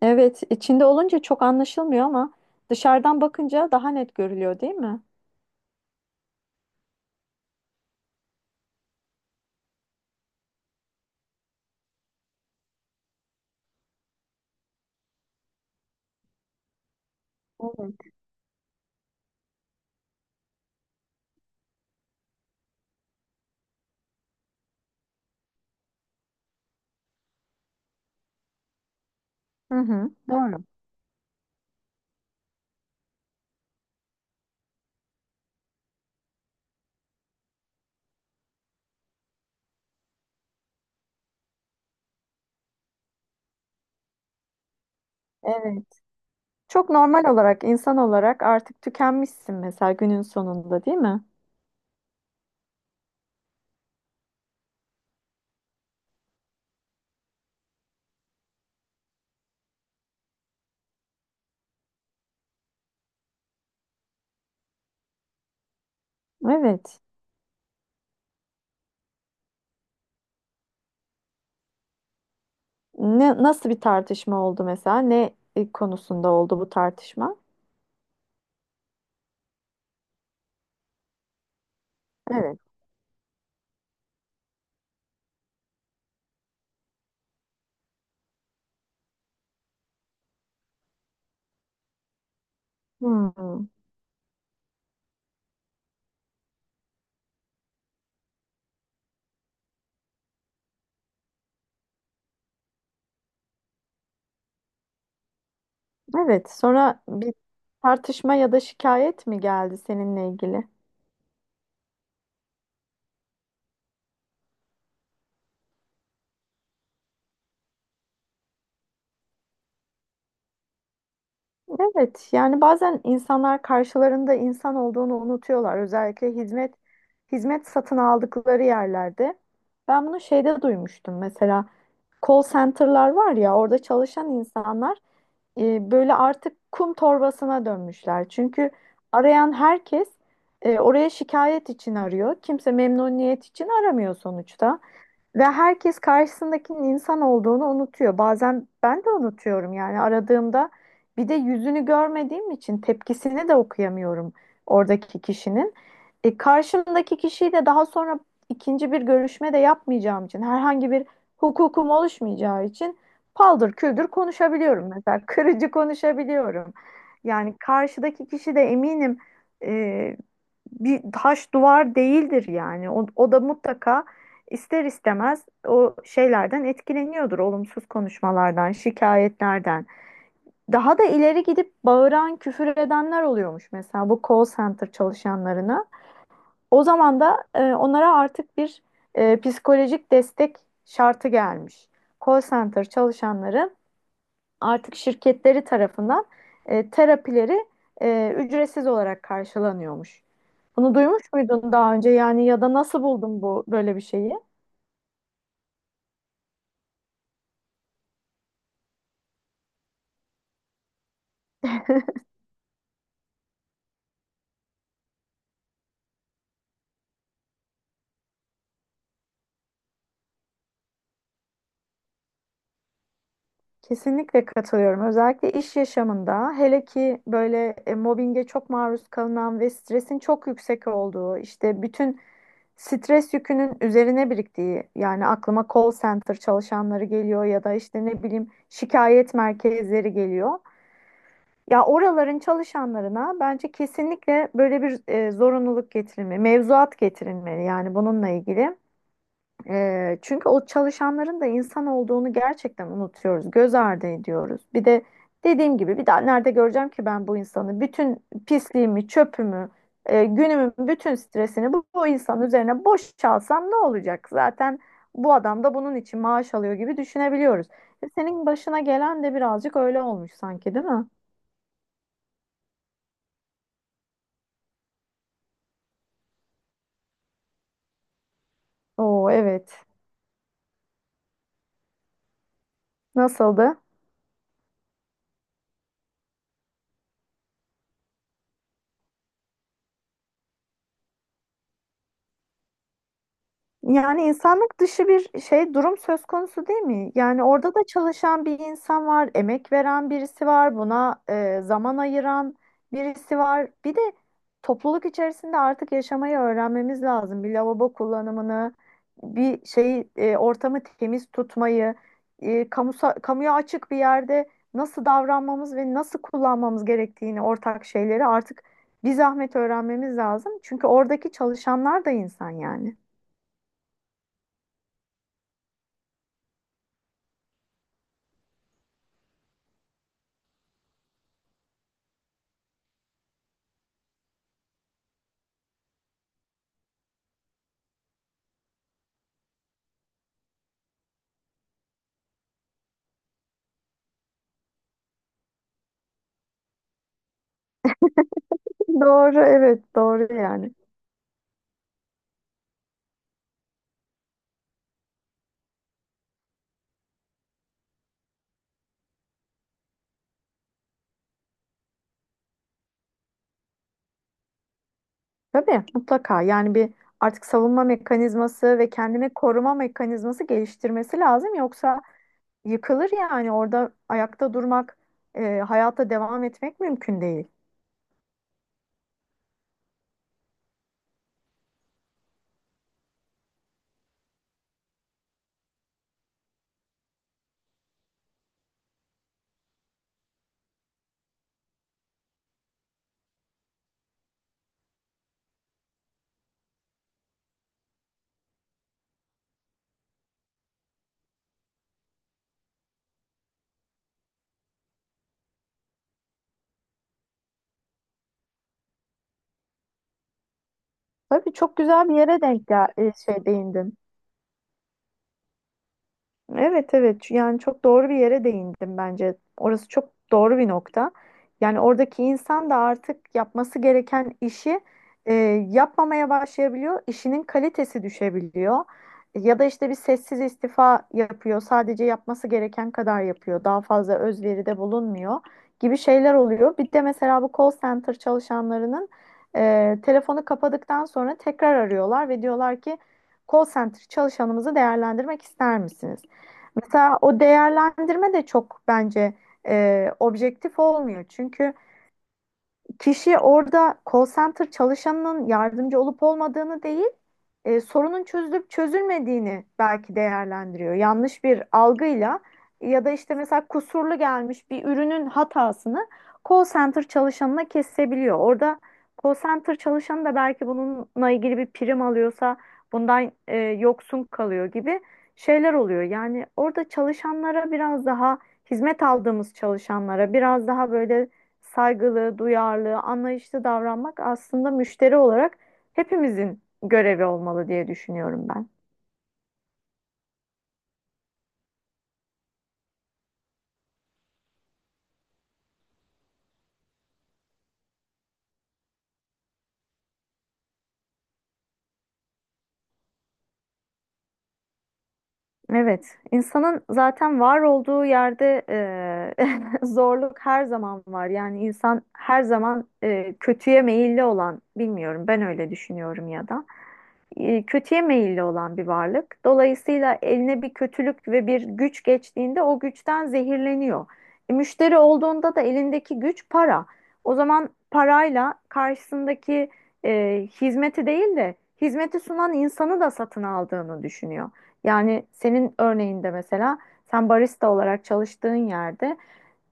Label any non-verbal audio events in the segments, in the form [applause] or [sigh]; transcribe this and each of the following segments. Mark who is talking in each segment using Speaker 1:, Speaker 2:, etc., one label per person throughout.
Speaker 1: Evet, içinde olunca çok anlaşılmıyor ama dışarıdan bakınca daha net görülüyor, değil mi? Evet, hı hı, doğru. Evet. Çok normal olarak, insan olarak artık tükenmişsin mesela günün sonunda, değil mi? Evet. Ne, nasıl bir tartışma oldu mesela? Konusunda oldu bu tartışma? Evet. Hmm. Evet. Sonra bir tartışma ya da şikayet mi geldi seninle ilgili? Evet, yani bazen insanlar karşılarında insan olduğunu unutuyorlar. Özellikle hizmet satın aldıkları yerlerde. Ben bunu şeyde duymuştum. Mesela call center'lar var ya, orada çalışan insanlar böyle artık kum torbasına dönmüşler. Çünkü arayan herkes oraya şikayet için arıyor. Kimse memnuniyet için aramıyor sonuçta. Ve herkes karşısındakinin insan olduğunu unutuyor. Bazen ben de unutuyorum yani aradığımda bir de yüzünü görmediğim için tepkisini de okuyamıyorum oradaki kişinin. Karşımdaki kişiyi de daha sonra ikinci bir görüşme de yapmayacağım için herhangi bir hukukum oluşmayacağı için paldır küldür konuşabiliyorum mesela. [laughs] Kırıcı konuşabiliyorum. Yani karşıdaki kişi de eminim e, bir taş duvar değildir yani. O, o da mutlaka ister istemez o şeylerden etkileniyordur. Olumsuz konuşmalardan, şikayetlerden. Daha da ileri gidip bağıran, küfür edenler oluyormuş mesela bu call center çalışanlarına. O zaman da onlara artık bir psikolojik destek şartı gelmiş. Call center çalışanları artık şirketleri tarafından terapileri ücretsiz olarak karşılanıyormuş. Bunu duymuş muydun daha önce? Yani ya da nasıl buldun bu böyle bir şeyi? Kesinlikle katılıyorum. Özellikle iş yaşamında hele ki böyle mobbinge çok maruz kalınan ve stresin çok yüksek olduğu, işte bütün stres yükünün üzerine biriktiği, yani aklıma call center çalışanları geliyor ya da işte ne bileyim şikayet merkezleri geliyor. Ya oraların çalışanlarına bence kesinlikle böyle bir zorunluluk getirilmeli, mevzuat getirilmeli yani bununla ilgili. E, çünkü o çalışanların da insan olduğunu gerçekten unutuyoruz, göz ardı ediyoruz. Bir de dediğim gibi bir daha nerede göreceğim ki ben bu insanı? Bütün pisliğimi, çöpümü, günümün bütün stresini bu insanın üzerine boşalsam ne olacak? Zaten bu adam da bunun için maaş alıyor gibi düşünebiliyoruz. E, senin başına gelen de birazcık öyle olmuş sanki, değil mi? Oo evet. Nasıldı? Yani insanlık dışı bir şey durum söz konusu değil mi? Yani orada da çalışan bir insan var, emek veren birisi var, buna zaman ayıran birisi var. Bir de topluluk içerisinde artık yaşamayı öğrenmemiz lazım. Bir lavabo kullanımını, bir şeyi ortamı temiz tutmayı, kamuya açık bir yerde nasıl davranmamız ve nasıl kullanmamız gerektiğini ortak şeyleri artık bir zahmet öğrenmemiz lazım. Çünkü oradaki çalışanlar da insan yani. Doğru, evet doğru yani. Tabii mutlaka yani bir artık savunma mekanizması ve kendini koruma mekanizması geliştirmesi lazım. Yoksa yıkılır yani orada ayakta durmak, hayata devam etmek mümkün değil. Tabii çok güzel bir yere şey değindin. Evet evet yani çok doğru bir yere değindim bence. Orası çok doğru bir nokta. Yani oradaki insan da artık yapması gereken işi e, yapmamaya başlayabiliyor. İşinin kalitesi düşebiliyor. Ya da işte bir sessiz istifa yapıyor. Sadece yapması gereken kadar yapıyor. Daha fazla özveride bulunmuyor gibi şeyler oluyor. Bir de mesela bu call center çalışanlarının telefonu kapadıktan sonra tekrar arıyorlar ve diyorlar ki call center çalışanımızı değerlendirmek ister misiniz? Mesela o değerlendirme de çok bence objektif olmuyor. Çünkü kişi orada call center çalışanının yardımcı olup olmadığını değil, sorunun çözülüp çözülmediğini belki değerlendiriyor. Yanlış bir algıyla ya da işte mesela kusurlu gelmiş bir ürünün hatasını call center çalışanına kesebiliyor. Orada call center çalışanı da belki bununla ilgili bir prim alıyorsa bundan yoksun kalıyor gibi şeyler oluyor. Yani orada çalışanlara biraz daha hizmet aldığımız çalışanlara biraz daha böyle saygılı, duyarlı, anlayışlı davranmak aslında müşteri olarak hepimizin görevi olmalı diye düşünüyorum ben. Evet, insanın zaten var olduğu yerde [laughs] zorluk her zaman var. Yani insan her zaman kötüye meyilli olan, bilmiyorum ben öyle düşünüyorum ya da. Kötüye meyilli olan bir varlık. Dolayısıyla eline bir kötülük ve bir güç geçtiğinde o güçten zehirleniyor. E, müşteri olduğunda da elindeki güç para. O zaman parayla karşısındaki hizmeti değil de hizmeti sunan insanı da satın aldığını düşünüyor. Yani senin örneğinde mesela sen barista olarak çalıştığın yerde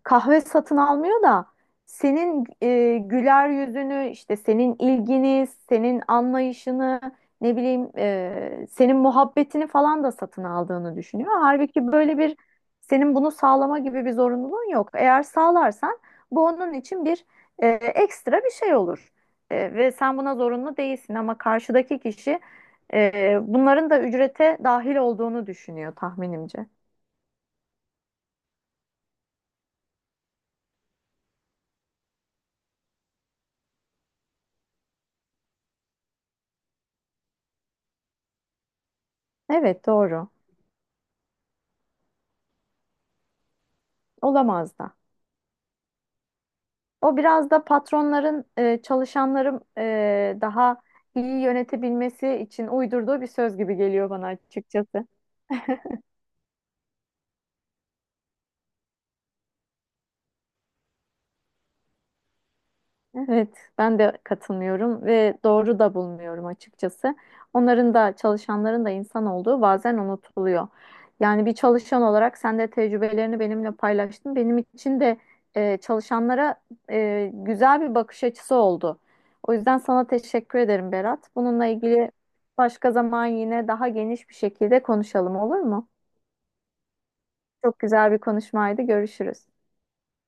Speaker 1: kahve satın almıyor da senin güler yüzünü işte senin ilgini, senin anlayışını ne bileyim senin muhabbetini falan da satın aldığını düşünüyor. Halbuki böyle bir senin bunu sağlama gibi bir zorunluluğun yok. Eğer sağlarsan bu onun için bir ekstra bir şey olur. E, ve sen buna zorunlu değilsin ama karşıdaki kişi bunların da ücrete dahil olduğunu düşünüyor tahminimce. Evet doğru. Olamaz da. O biraz da patronların çalışanların daha iyi yönetebilmesi için uydurduğu bir söz gibi geliyor bana açıkçası. Evet, ben de katılmıyorum ve doğru da bulmuyorum açıkçası. Onların da çalışanların da insan olduğu bazen unutuluyor. Yani bir çalışan olarak sen de tecrübelerini benimle paylaştın. Benim için de çalışanlara güzel bir bakış açısı oldu. O yüzden sana teşekkür ederim Berat. Bununla ilgili başka zaman yine daha geniş bir şekilde konuşalım olur mu? Çok güzel bir konuşmaydı. Görüşürüz.